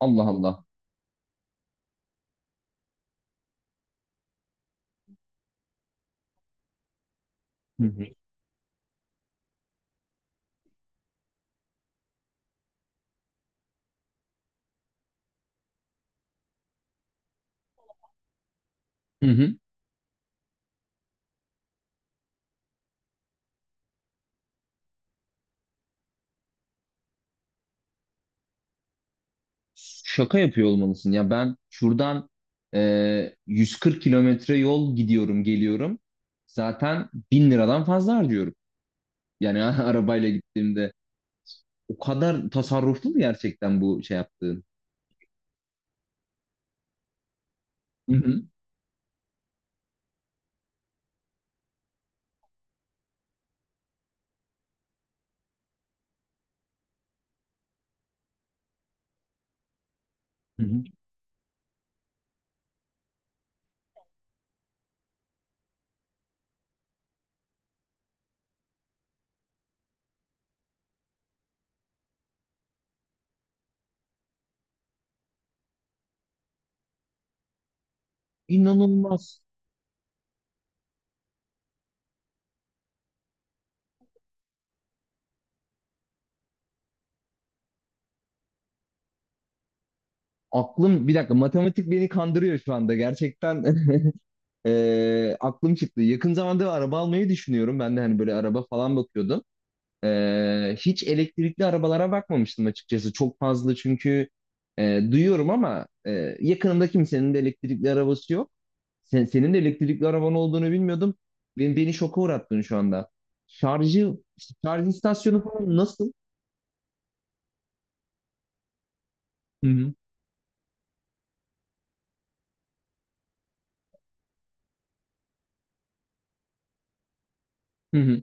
Allah Allah. Hı hı. Hı hı. Şaka yapıyor olmalısın. Ya ben şuradan 140 kilometre yol gidiyorum, geliyorum. Zaten 1.000 liradan fazla harcıyorum. Yani arabayla gittiğimde o kadar tasarruflu mu gerçekten bu şey yaptığın? Hı hı. Hı hı. İnanılmaz. Aklım bir dakika matematik beni kandırıyor şu anda gerçekten. Aklım çıktı. Yakın zamanda araba almayı düşünüyorum. Ben de hani böyle araba falan bakıyordum. Hiç elektrikli arabalara bakmamıştım açıkçası. Çok fazla çünkü e, duyuyorum ama yakınımda kimsenin de elektrikli arabası yok. Sen, senin de elektrikli araban olduğunu bilmiyordum. Beni şoka uğrattın şu anda. Şarjı, şarj istasyonu falan nasıl? Hı hı, hı hı,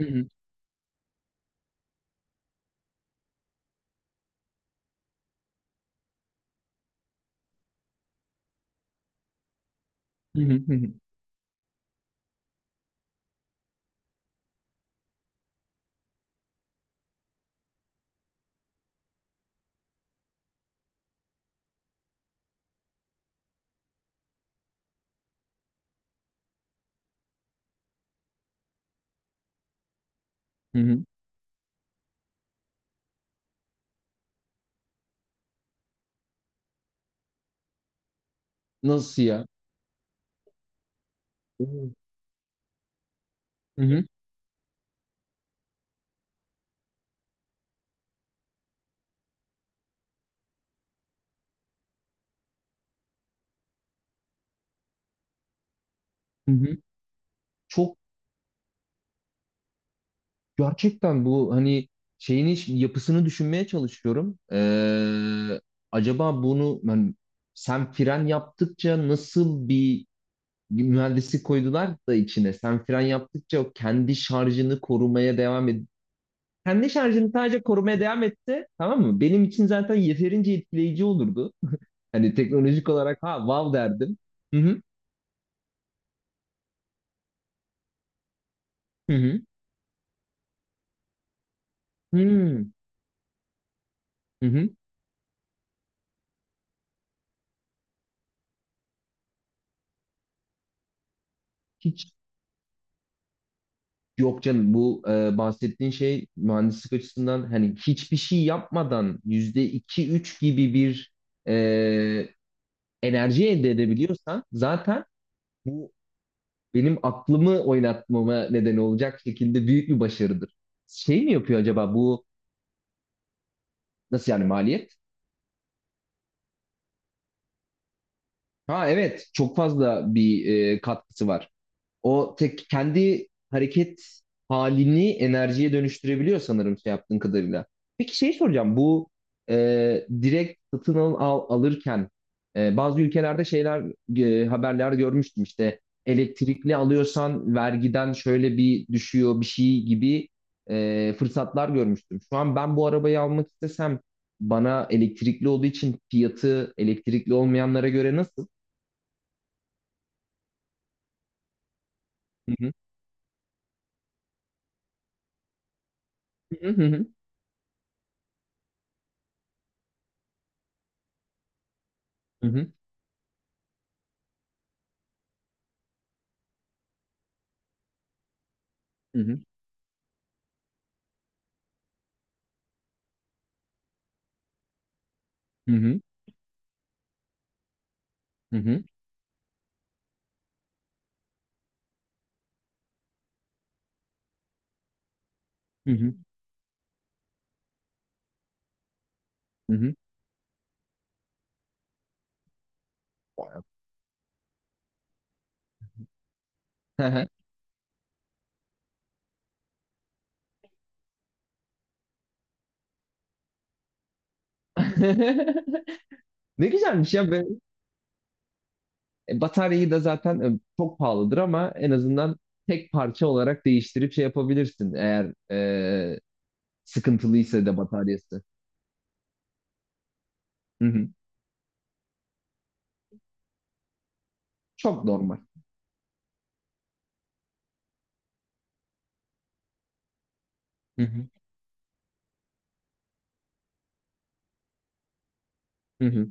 hı hı, hı hı, hı hı, hı hı. Nasıl ya? Hı hı, hı hı. Hı hı. Çok. Gerçekten bu hani şeyin yapısını düşünmeye çalışıyorum. Acaba bunu ben, sen fren yaptıkça nasıl bir mühendislik koydular da içine? Sen fren yaptıkça o kendi şarjını korumaya devam etti. Kendi şarjını sadece korumaya devam etti, tamam mı? Benim için zaten yeterince etkileyici olurdu. Hani teknolojik olarak ha, wow derdim. Hı hı. Hı hı. Hı hı. Hı. Hı. Hiç. Yok canım, bahsettiğin şey mühendislik açısından hani hiçbir şey yapmadan %2-3 gibi bir e, enerji elde edebiliyorsan zaten bu benim aklımı oynatmama neden olacak şekilde büyük bir başarıdır. Şey mi yapıyor acaba bu? Nasıl yani maliyet? Ha evet, çok fazla bir katkısı var. O tek kendi hareket halini enerjiye dönüştürebiliyor sanırım şey yaptığın kadarıyla. Peki şey soracağım, bu direkt satın alırken bazı ülkelerde şeyler, haberler görmüştüm işte, elektrikli alıyorsan vergiden şöyle bir düşüyor bir şey gibi fırsatlar görmüştüm. Şu an ben bu arabayı almak istesem bana elektrikli olduğu için fiyatı elektrikli olmayanlara göre nasıl? Hı hı. Hı hı. Hı hı. Hı hı. Hı hı. Hı. Hı hı. Hı hı. Hı hı. Ne güzelmiş ya. Ve bataryayı da zaten çok pahalıdır ama en azından tek parça olarak değiştirip şey yapabilirsin, eğer sıkıntılıysa da bataryası. Hı hı. Çok normal. Hı hı. Hı hı.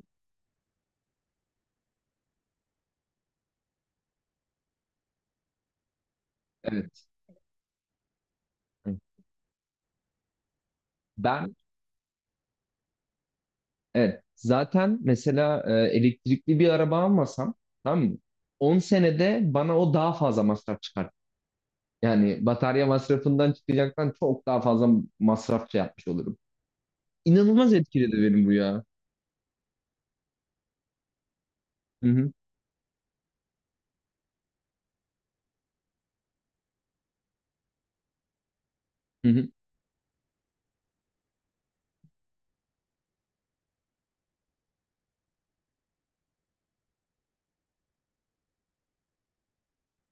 Evet. Hı. Ben, evet. Zaten mesela elektrikli bir araba almasam, tamam mı? 10 senede bana o daha fazla masraf çıkar. Yani batarya masrafından çıkacaktan çok daha fazla masraf şey yapmış olurum. İnanılmaz etkiledi benim bu ya. Hı hı. Hı hı.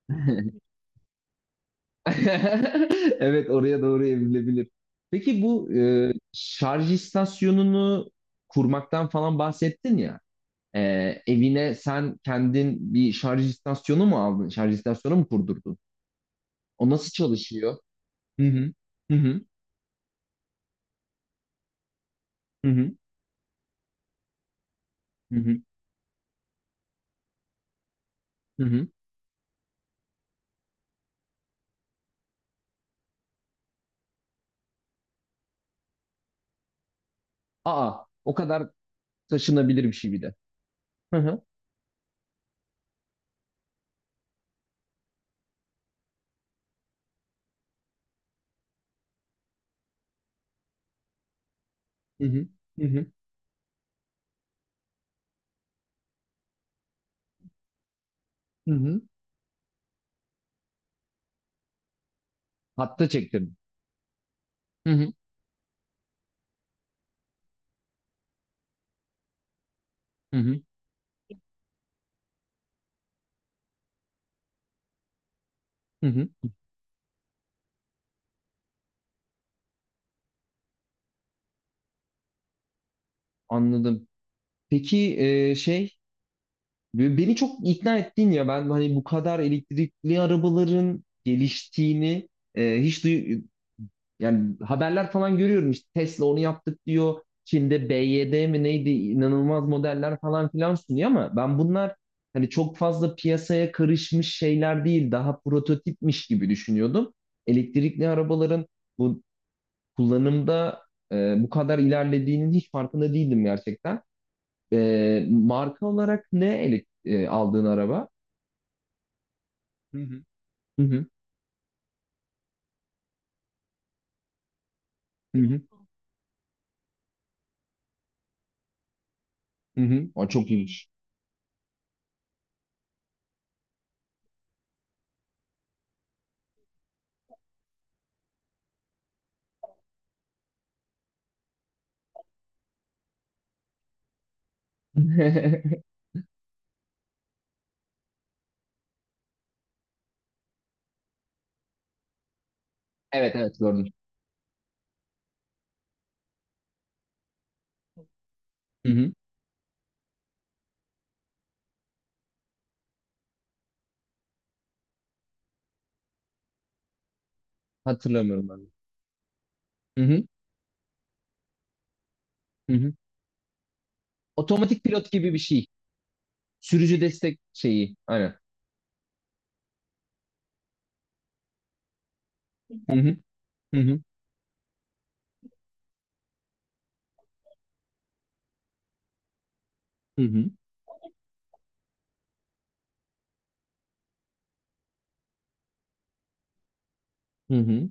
Evet, oraya doğru evrilebilir. Peki bu şarj istasyonunu kurmaktan falan bahsettin ya. E, Evine sen kendin bir şarj istasyonu mu aldın? Şarj istasyonu mu kurdurdun? O nasıl çalışıyor? Hı hı. Hı hı. Hı hı. Hı hı. Hı hı. Aa, o kadar taşınabilir bir şey bir de. Hı hı. Hı hı. Hı hı. Hı hı. Hatta çektirdim. Hı hı. Hı hı. Hı hı. Anladım. Peki şey, beni çok ikna ettin ya. Ben hani bu kadar elektrikli arabaların geliştiğini e, hiç duy yani haberler falan görüyorum işte, Tesla onu yaptık diyor. Çin'de BYD mi neydi, inanılmaz modeller falan filan sunuyor ama ben bunlar hani çok fazla piyasaya karışmış şeyler değil, daha prototipmiş gibi düşünüyordum. Elektrikli arabaların bu kullanımda bu kadar ilerlediğinin hiç farkında değildim gerçekten. Marka olarak aldığın araba? Hı hı. Hı hı. Hı hı. Hı hı. Aa, çok iyiymiş. Evet evet, gördüm. Hı hı. Hatırlamıyorum ben de. Hı hı. Hı hı. Otomatik pilot gibi bir şey. Sürücü destek şeyi. Aynen. Hı hı. Hı hı. Hı hı. Hı hı.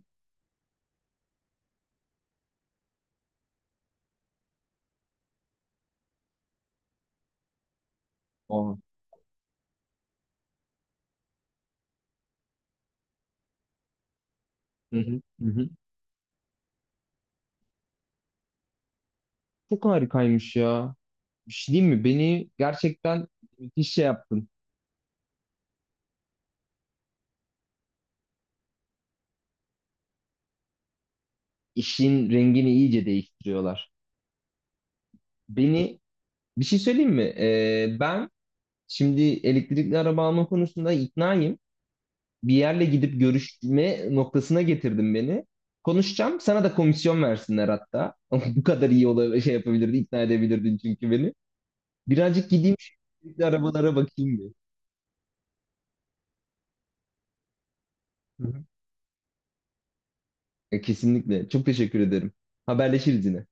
Aa, hı hı. Hı hı. Çok harikaymış ya. Bir şey diyeyim mi? Beni gerçekten müthiş şey yaptın. İşin rengini iyice değiştiriyorlar. Beni Bir şey söyleyeyim mi? Ben Şimdi elektrikli araba alma konusunda iknayım. Bir yerle gidip görüşme noktasına getirdim beni. Konuşacağım. Sana da komisyon versinler hatta. Bu kadar iyi şey yapabilirdin, ikna edebilirdin çünkü beni. Birazcık gideyim şu elektrikli arabalara bakayım bir. Hı hı. Kesinlikle. Çok teşekkür ederim. Haberleşiriz yine.